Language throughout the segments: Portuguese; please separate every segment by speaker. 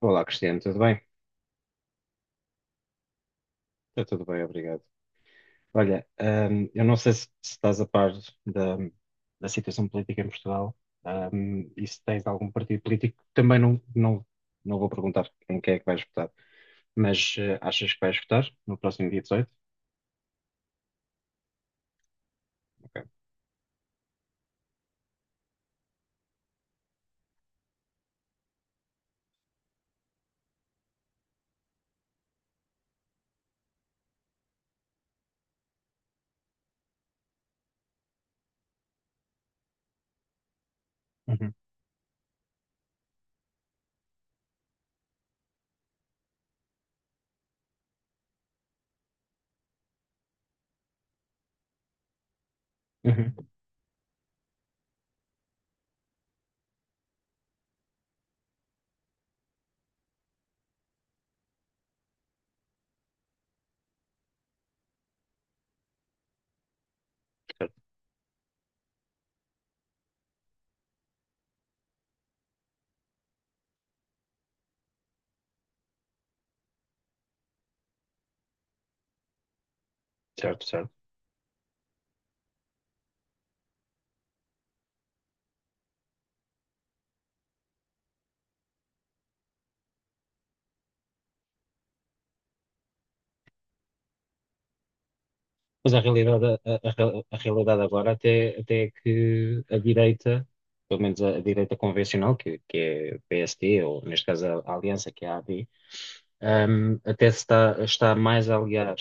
Speaker 1: Olá, Cristiano, tudo bem? Está tudo bem, obrigado. Olha, eu não sei se estás a par da, da situação política em Portugal, e se tens algum partido político, também não vou perguntar em quem é que vais votar, mas achas que vais votar no próximo dia 18? Ok. Uhum. Uhum. Certo, certo, certo. Mas a realidade, a realidade agora até é que a direita, pelo menos a direita convencional, que é o PSD, ou neste caso a Aliança, que é a AD, até se está, mais a aliar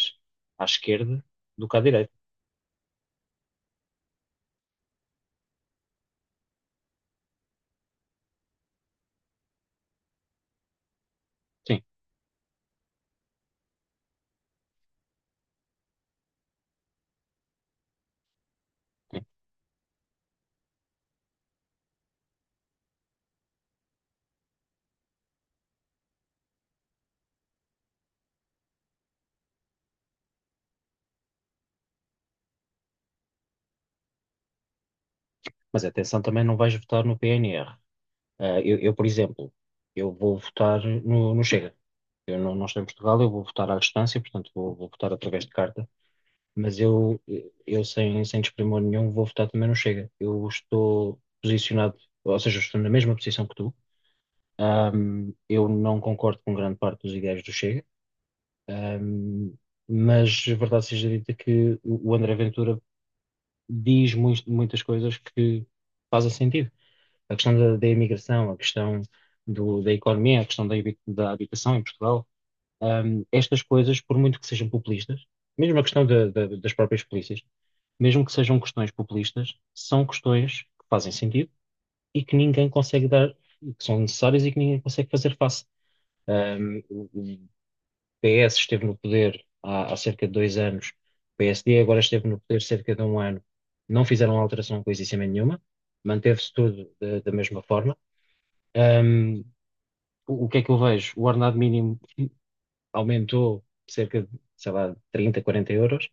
Speaker 1: à esquerda do que à direita. Sim, sim. Mas atenção, também não vais votar no PNR. Ah, por exemplo, eu vou votar no Chega. Eu não estou em Portugal, eu vou votar à distância, portanto vou votar através de carta. Mas eu, eu sem desprimor nenhum, vou votar também no Chega. Eu estou posicionado, ou seja, estou na mesma posição que tu. Eu não concordo com grande parte dos ideais do Chega, ahm, mas verdade seja dita que o André Ventura diz muitas coisas que fazem sentido. A questão da imigração, a questão da economia, a questão da habitação em Portugal, estas coisas, por muito que sejam populistas, mesmo a questão das próprias polícias, mesmo que sejam questões populistas, são questões que fazem sentido e que ninguém consegue dar, que são necessárias e que ninguém consegue fazer face. O PS esteve no poder há cerca de 2 anos, o PSD agora esteve no poder cerca de 1 ano, não fizeram alteração coisíssima nenhuma, manteve-se tudo da mesma forma. Um, o que é que eu vejo? O ordenado mínimo aumentou cerca de, sei lá, 30, 40 euros,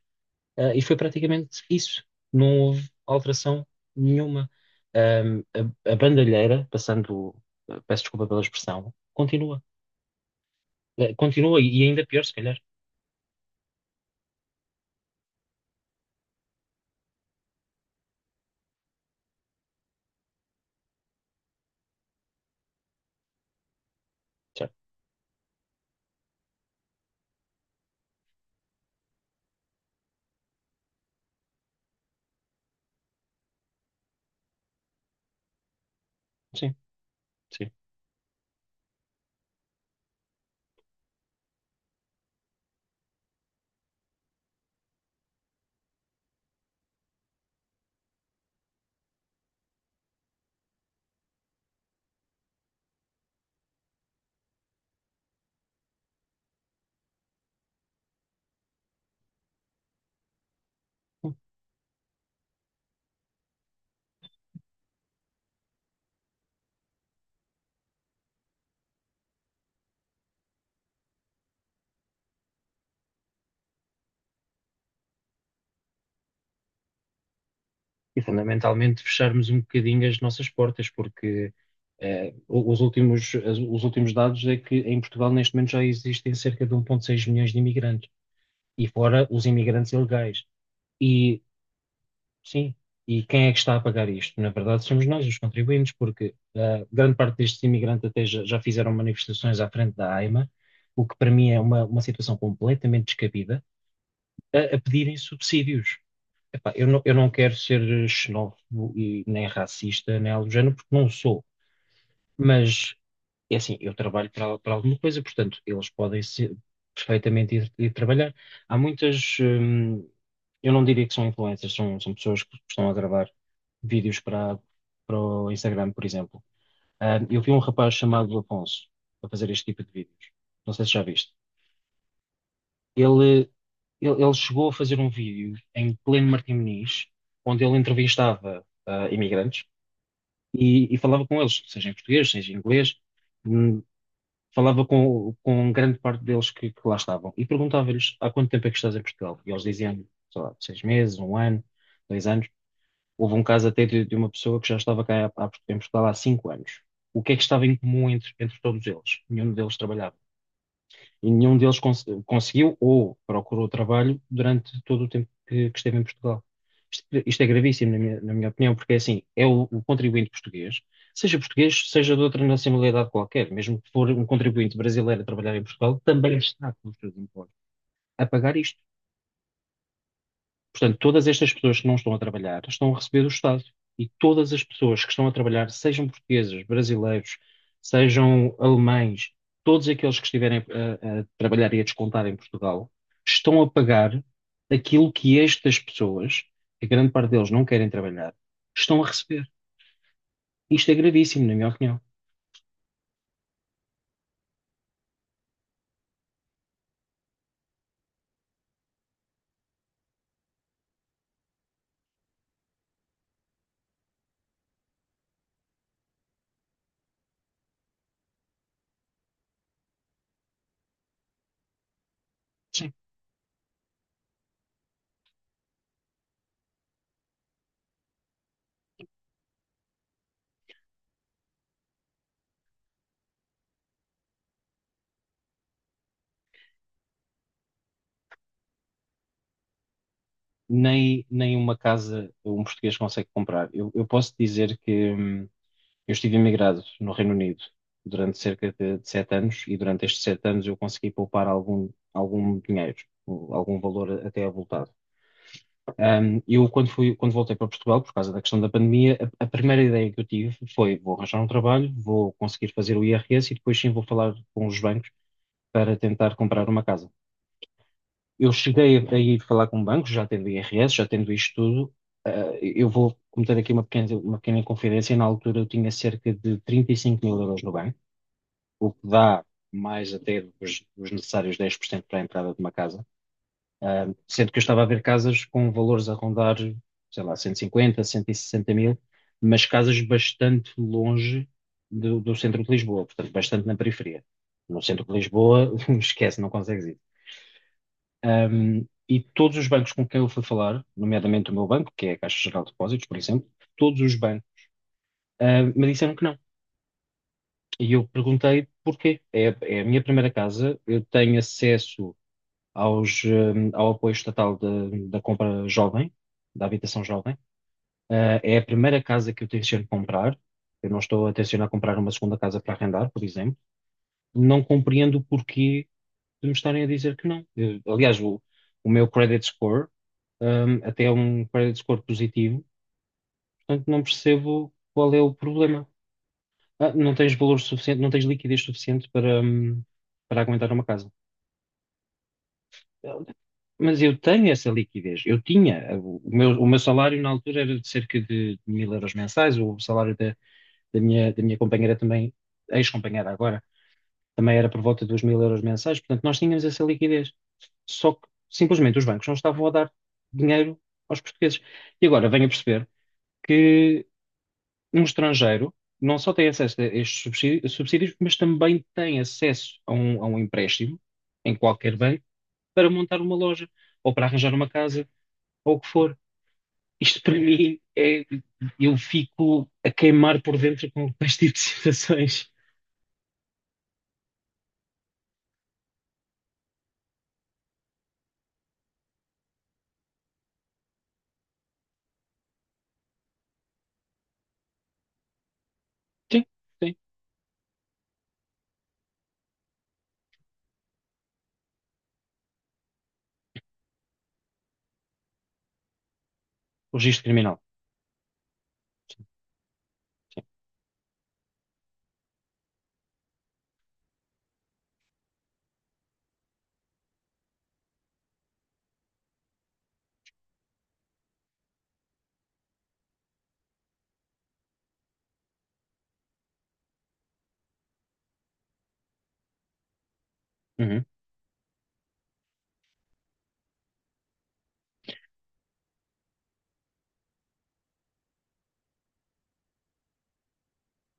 Speaker 1: e foi praticamente isso. Não houve alteração nenhuma. Ahm, a, a bandalheira, passando, peço desculpa pela expressão, continua. Continua e ainda pior, se calhar. Certo? Sim, sim. Hum. E fundamentalmente fecharmos um bocadinho as nossas portas, porque os últimos dados é que em Portugal neste momento já existem cerca de 1,6 milhões de imigrantes, e fora os imigrantes ilegais. E sim. E quem é que está a pagar isto? Na verdade, somos nós, os contribuintes, porque grande parte destes imigrantes até já fizeram manifestações à frente da AIMA, o que para mim é uma situação completamente descabida, a pedirem subsídios. Epá, eu não quero ser xenófobo e nem racista, nem algo do género, porque não sou. Mas, é assim, eu trabalho para alguma coisa, portanto, eles podem perfeitamente ir trabalhar. Há muitas, eu não diria que são influencers, são pessoas que estão a gravar vídeos para o Instagram, por exemplo. Ah, eu vi um rapaz chamado Afonso a fazer este tipo de vídeos. Não sei se já viste. Ele, ele chegou a fazer um vídeo em pleno Martim Moniz, onde ele entrevistava imigrantes e falava com eles, seja em português, seja em inglês. Hum, falava com grande parte deles que lá estavam e perguntava-lhes há quanto tempo é que estás em Portugal? E eles diziam, sei lá, 6 meses, 1 ano, 2 anos. Houve um caso até de uma pessoa que já estava cá em Portugal há 5 anos. O que é que estava em comum entre todos eles? Nenhum deles trabalhava e nenhum deles conseguiu ou procurou trabalho durante todo o tempo que esteve em Portugal. Isto é gravíssimo, na minha opinião, porque é assim, é o contribuinte português, seja de outra nacionalidade qualquer, mesmo que for um contribuinte brasileiro a trabalhar em Portugal, também está com os seus impostos a pagar isto. Portanto, todas estas pessoas que não estão a trabalhar estão a receber do Estado. E todas as pessoas que estão a trabalhar, sejam portugueses, brasileiros, sejam alemães, todos aqueles que estiverem a trabalhar e a descontar em Portugal, estão a pagar aquilo que estas pessoas, que a grande parte deles não querem trabalhar, estão a receber. Isto é gravíssimo, na minha opinião. Sim. Nem uma casa um português consegue comprar. Eu posso dizer que, eu estive emigrado no Reino Unido durante cerca de 7 anos e durante estes 7 anos eu consegui poupar algum dinheiro, algum valor até avultado. Eu, quando voltei para Portugal, por causa da questão da pandemia, a primeira ideia que eu tive foi: vou arranjar um trabalho, vou conseguir fazer o IRS e depois sim vou falar com os bancos para tentar comprar uma casa. Eu cheguei a ir falar com bancos, já tendo o IRS, já tendo isto tudo. ah, eu vou cometer aqui uma pequena inconfidência. Na altura eu tinha cerca de 35 mil euros no banco, o que dá mais até os necessários 10% para a entrada de uma casa. Ah, sendo que eu estava a ver casas com valores a rondar, sei lá, cento e cinquenta, cento e sessenta mil, mas casas bastante longe do centro de Lisboa, portanto, bastante na periferia. No centro de Lisboa, esquece, não consegues ir. E todos os bancos com quem eu fui falar, nomeadamente o meu banco, que é a Caixa Geral de Depósitos, por exemplo, todos os bancos, me disseram que não. E eu perguntei porquê. É a minha primeira casa, eu tenho acesso ao apoio estatal da compra jovem, da habitação jovem. É a primeira casa que eu tenciono comprar. Eu não estou a tencionar comprar uma segunda casa para arrendar, por exemplo. Não compreendo o porquê de me estarem a dizer que não. Aliás, o meu credit score, até é um credit score positivo, portanto não percebo qual é o problema. Ah, não tens valor suficiente, não tens liquidez suficiente para aguentar uma casa. Mas eu tenho essa liquidez. Eu tinha. O meu salário na altura era de cerca de mil euros mensais. O salário da minha companheira também, ex-companheira agora, também era por volta dos mil euros mensais. Portanto, nós tínhamos essa liquidez. Só que simplesmente os bancos não estavam a dar dinheiro aos portugueses. E agora venho a perceber que um estrangeiro não só tem acesso a estes subsídios, mas também tem acesso a um empréstimo em qualquer banco para montar uma loja ou para arranjar uma casa ou o que for. Isto para mim é. Eu fico a queimar por dentro com este tipo de situações. Sim, sim. O registro criminal. Uhum,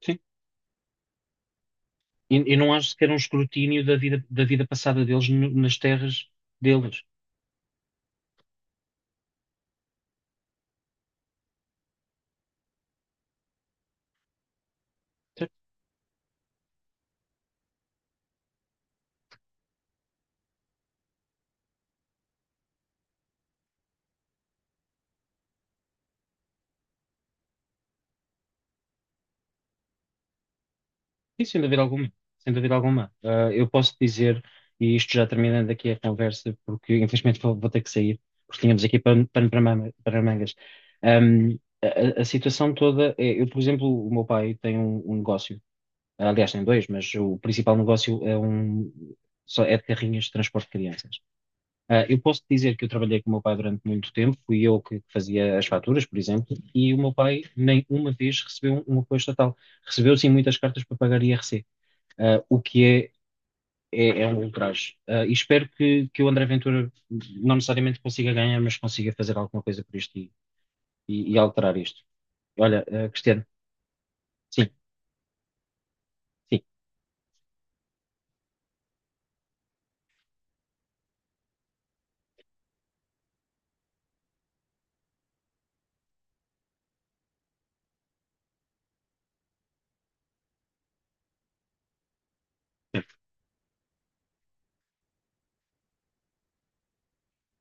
Speaker 1: sim. E não acho sequer um escrutínio da vida, passada deles nas terras deles. Certo? Sim, sem dúvida alguma. Sem dúvida alguma. Eu posso dizer, e isto já terminando aqui a conversa, porque infelizmente vou ter que sair, porque tínhamos aqui pano para mangas. A, a situação toda é, eu, por exemplo, o meu pai tem um negócio. Aliás, tem dois, mas o principal negócio só é de carrinhas de transporte de crianças. Eu posso te dizer que eu trabalhei com o meu pai durante muito tempo, fui eu que fazia as faturas, por exemplo, e o meu pai nem uma vez recebeu um apoio estatal. Recebeu sim muitas cartas para pagar IRC, o que é um ultraje. E espero que o André Ventura não necessariamente consiga ganhar, mas consiga fazer alguma coisa por isto e alterar isto. Olha, Cristiano, sim, sim,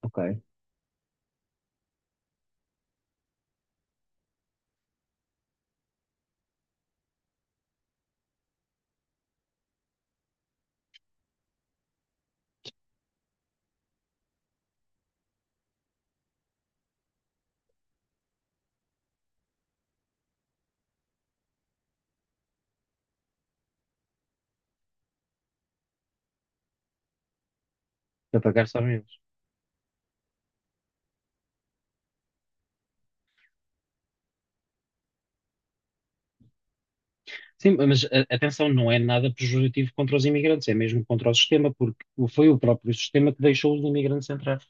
Speaker 1: ok, para pagar só menos. Sim, mas atenção, não é nada pejorativo contra os imigrantes, é mesmo contra o sistema, porque foi o próprio sistema que deixou os imigrantes entrar.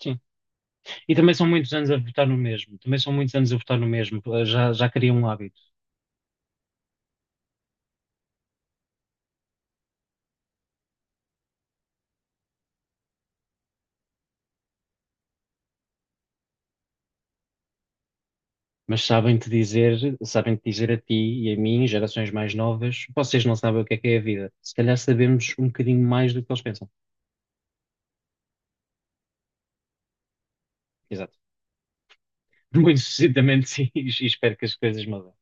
Speaker 1: Sim. E também são muitos anos a votar no mesmo, também são muitos anos a votar no mesmo, já criam um hábito. Mas sabem-te dizer a ti e a mim, gerações mais novas, vocês não sabem o que é a vida. Se calhar sabemos um bocadinho mais do que eles pensam. Exato. Muito sucintamente, sim, e espero que as coisas mudem.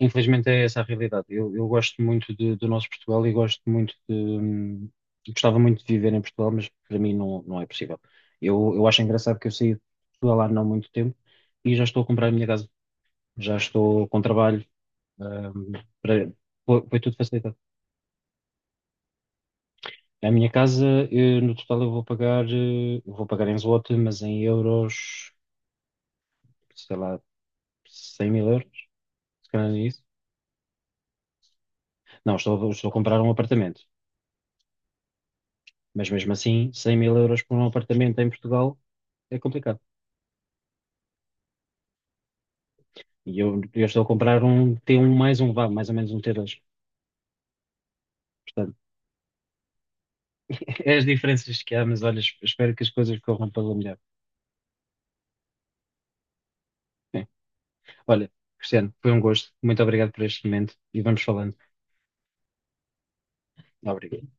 Speaker 1: Infelizmente é essa a realidade. Eu gosto muito do nosso Portugal e gosto muito de. Gostava muito de viver em Portugal, mas para mim não é possível. Eu acho engraçado que eu saí de Portugal há não muito tempo e já estou a comprar a minha casa. Já estou com trabalho. hum, para- foi tudo facilitado. A minha casa, no total, eu vou pagar em zloty, mas em euros, sei lá, 100 mil euros, se calhar é isso. Não, estou a comprar um apartamento. Mas mesmo assim, 100 mil euros por um apartamento em Portugal é complicado. E eu estou a comprar um t um mais um, vá, mais ou menos um T2. Portanto, é as diferenças que há, mas olha, espero que as coisas corram pela melhor. Bem, olha, Cristiano, foi um gosto. Muito obrigado por este momento e vamos falando. Obrigado.